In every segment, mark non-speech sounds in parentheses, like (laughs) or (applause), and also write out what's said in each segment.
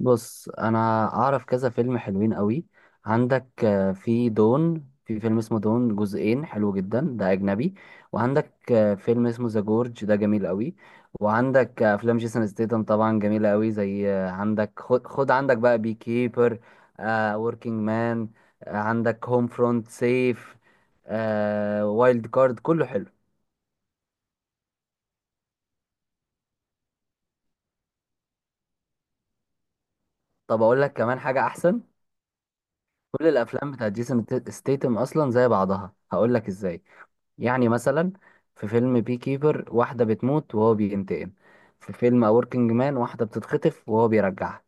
بص انا اعرف كذا فيلم حلوين قوي. عندك في فيلم اسمه دون جزئين حلو جدا ده اجنبي. وعندك فيلم اسمه ذا جورج ده جميل قوي. وعندك افلام جيسون ستيتم طبعا جميله قوي، زي عندك خد, خد عندك بقى بي كيبر، وركينج مان، عندك هوم فرونت، سيف، وايلد كارد، كله حلو. طب اقول لك كمان حاجه احسن. كل الافلام بتاعت جيسون ستيتم اصلا زي بعضها، هقول لك ازاي. يعني مثلا في فيلم بي كيبر واحدة بتموت وهو بينتقم. في فيلم A Working Man واحدة بتتخطف وهو بيرجعها.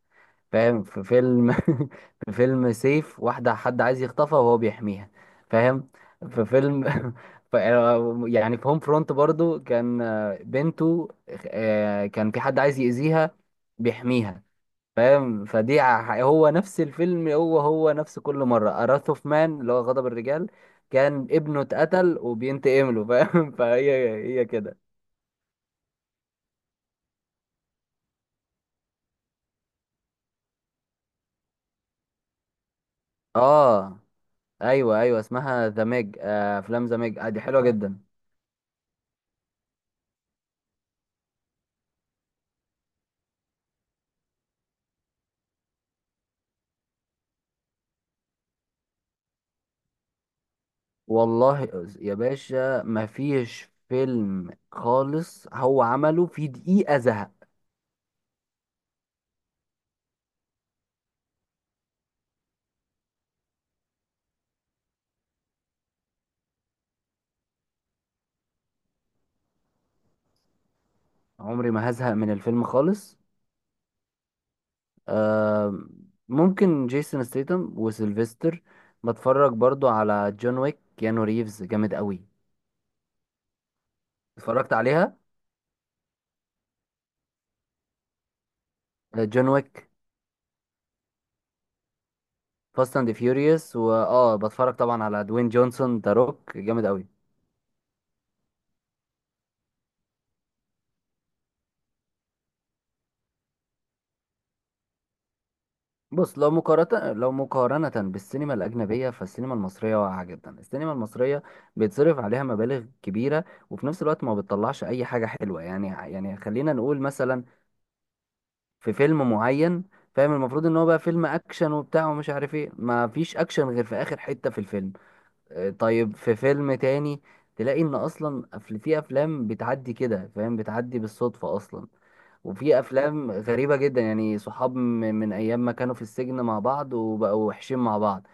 فاهم. في فيلم (laughs) في فيلم سيف واحدة حد عايز يخطفها وهو بيحميها. فاهم. في فيلم (laughs) ف- يعني في هوم فرونت برضو كان بنته، كان في حد عايز يأذيها، بيحميها. فاهم. هو نفس الفيلم، هو نفس كل مرة. أراث اوف مان اللي هو غضب الرجال، كان ابنه اتقتل وبينتقم له. فاهم. (laughs) فهي هي كده. اه. ايوه، ايوه، اسمها ذا ميج. افلام ذا ميج دي حلوة جدا. والله يا باشا ما فيش فيلم خالص هو عمله في دقيقة زهق. عمري ما هزهق من الفيلم خالص. آه. ممكن جيسون ستيتم وسيلفستر. بتفرج برضو على جون ويك، كيانو ريفز جامد قوي. اتفرجت عليها. آه، جون ويك. فاست اند فيوريوس. بتفرج طبعا على دوين جونسون، ذا روك جامد قوي. بص لو مقارنة، بالسينما الأجنبية، فالسينما المصرية واقعة جدا. السينما المصرية بيتصرف عليها مبالغ كبيرة، وفي نفس الوقت ما بتطلعش أي حاجة حلوة. يعني يعني خلينا نقول مثلا في فيلم معين، فاهم، المفروض ان هو بقى فيلم اكشن وبتاع ومش عارف ايه، ما فيش اكشن غير في اخر حتة في الفيلم. طيب في فيلم تاني تلاقي ان اصلا في افلام بتعدي كده، فاهم، بتعدي بالصدفة اصلا. وفي افلام غريبة جدا، يعني صحاب من ايام ما كانوا في السجن مع بعض وبقوا وحشين مع بعض.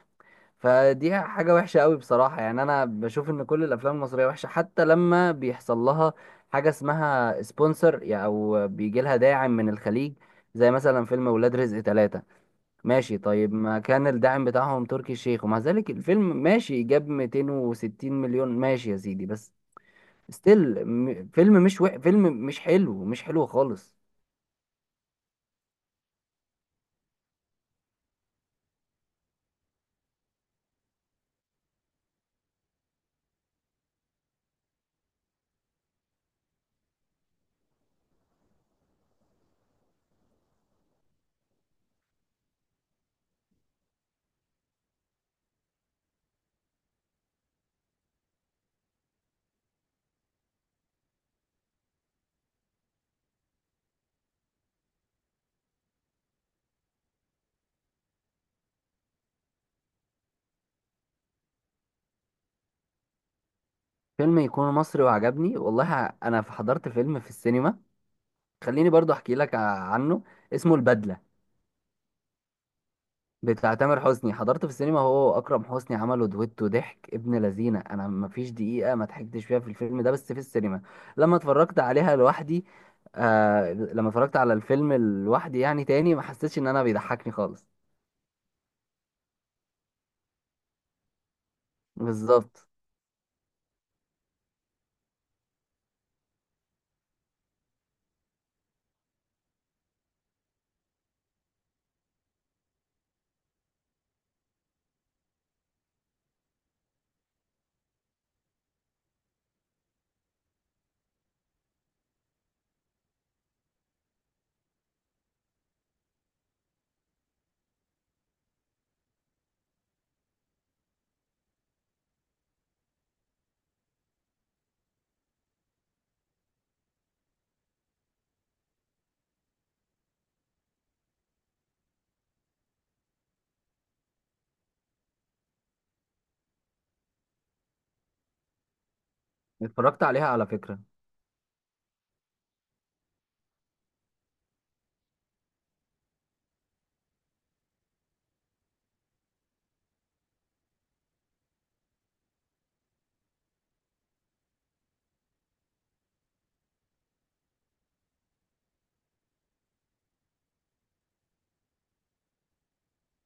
فدي حاجة وحشة قوي بصراحة. يعني أنا بشوف إن كل الأفلام المصرية وحشة، حتى لما بيحصل لها حاجة اسمها سبونسر، يعني أو بيجي لها داعم من الخليج، زي مثلا فيلم ولاد رزق 3. ماشي، طيب ما كان الداعم بتاعهم تركي الشيخ، ومع ذلك الفيلم ماشي، جاب 260 مليون، ماشي يا سيدي. بس ستيل فيلم مش حلو، مش حلو خالص. فيلم يكون مصري وعجبني، والله أنا حضرت فيلم في السينما. خليني برضو أحكي لك عنه. اسمه البدلة بتاع تامر حسني، حضرت في السينما. هو واكرم حسني عملوا دويتو ضحك ابن لذينه. انا ما فيش دقيقه ما ضحكتش فيها في الفيلم ده، بس في السينما لما اتفرجت عليها لوحدي. آه، لما اتفرجت على الفيلم لوحدي يعني تاني ما حسيتش ان انا بيضحكني خالص. بالظبط. اتفرجت عليها على فكره.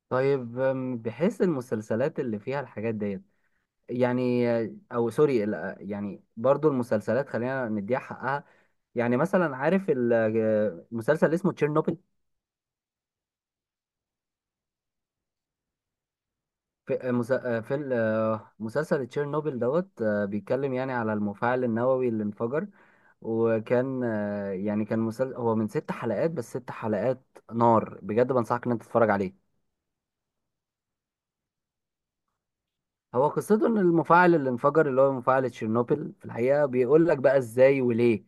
طيب، بحيث المسلسلات اللي فيها الحاجات ديت، يعني او سوري، يعني برضو المسلسلات خلينا نديها حقها. يعني مثلا عارف مسلسل اسمه تشيرنوبل. في في مسلسل تشيرنوبل دوت، بيتكلم يعني على المفاعل النووي اللي انفجر. وكان يعني كان مسلسل هو من 6 حلقات، بس 6 حلقات نار بجد. بنصحك ان انت تتفرج عليه. هو قصته ان المفاعل اللي انفجر اللي هو مفاعل تشيرنوبل في الحقيقة، بيقول لك بقى ازاي وليه.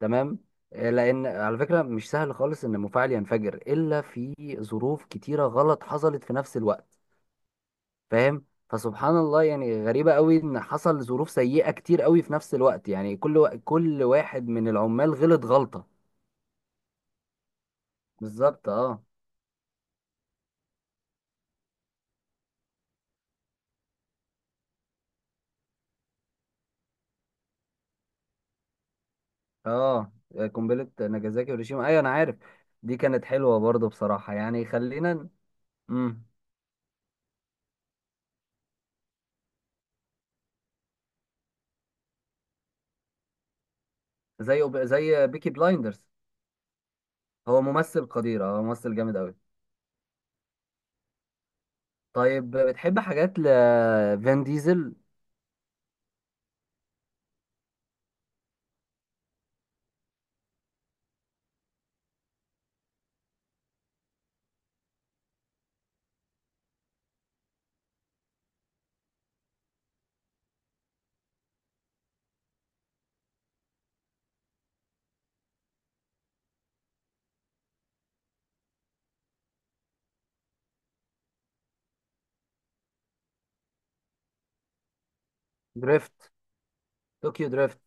تمام. لان على فكرة مش سهل خالص ان المفاعل ينفجر، الا في ظروف كتيرة غلط حصلت في نفس الوقت. فاهم. فسبحان الله، يعني غريبة قوي ان حصل ظروف سيئة كتير قوي في نفس الوقت. يعني كل كل واحد من العمال غلط غلطة. بالظبط. اه. اه، قنبلة ناجازاكي وهيروشيما، ايوه انا عارف. دي كانت حلوة برضه بصراحة. يعني خلينا. امم زي زي بيكي بلايندرز. هو ممثل قدير. هو ممثل جامد قوي. طيب بتحب حاجات لفان ديزل. دريفت. طوكيو دريفت.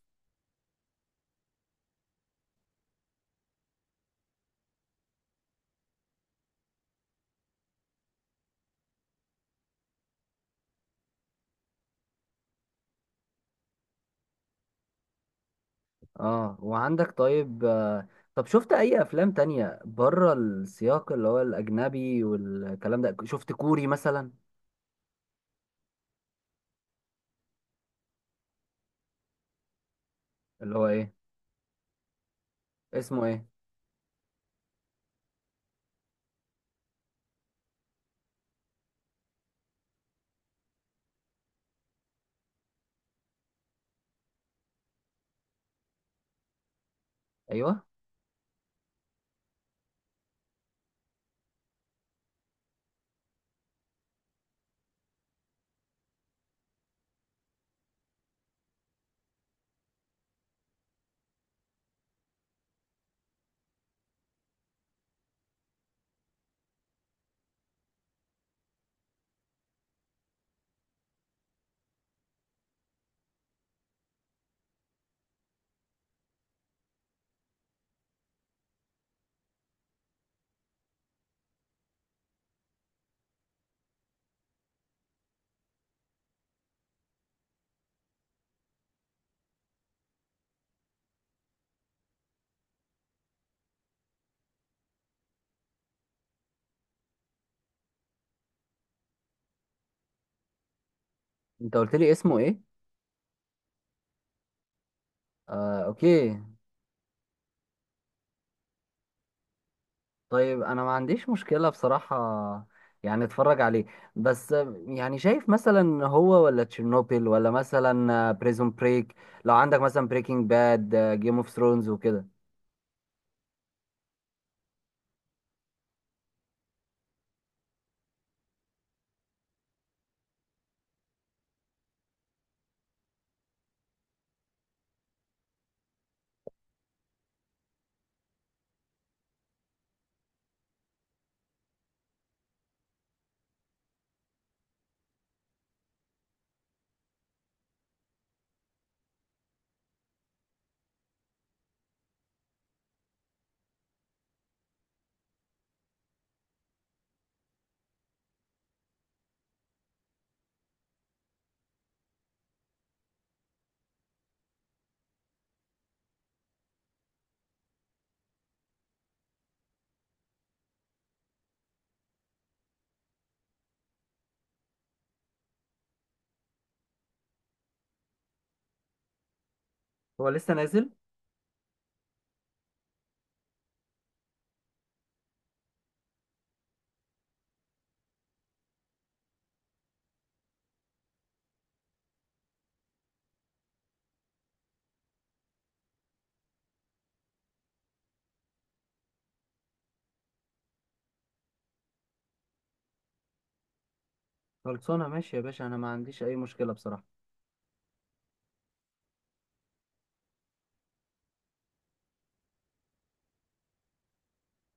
اه. وعندك طيب، طب شفت اي افلام تانية بره السياق اللي هو الاجنبي والكلام ده؟ شفت كوري مثلا؟ اللي هو ايه؟ اسمه ايه؟ ايوه انت قلت لي اسمه ايه. آه، اوكي. طيب انا ما عنديش مشكلة بصراحة، يعني اتفرج عليه. بس يعني شايف مثلا هو ولا تشيرنوبل ولا مثلا بريزون بريك؟ لو عندك مثلا بريكنج باد، جيم اوف ثرونز وكده. هو لسه نازل؟ خلصانه ماشي يا باشا، انا ما عنديش اي مشكلة بصراحة.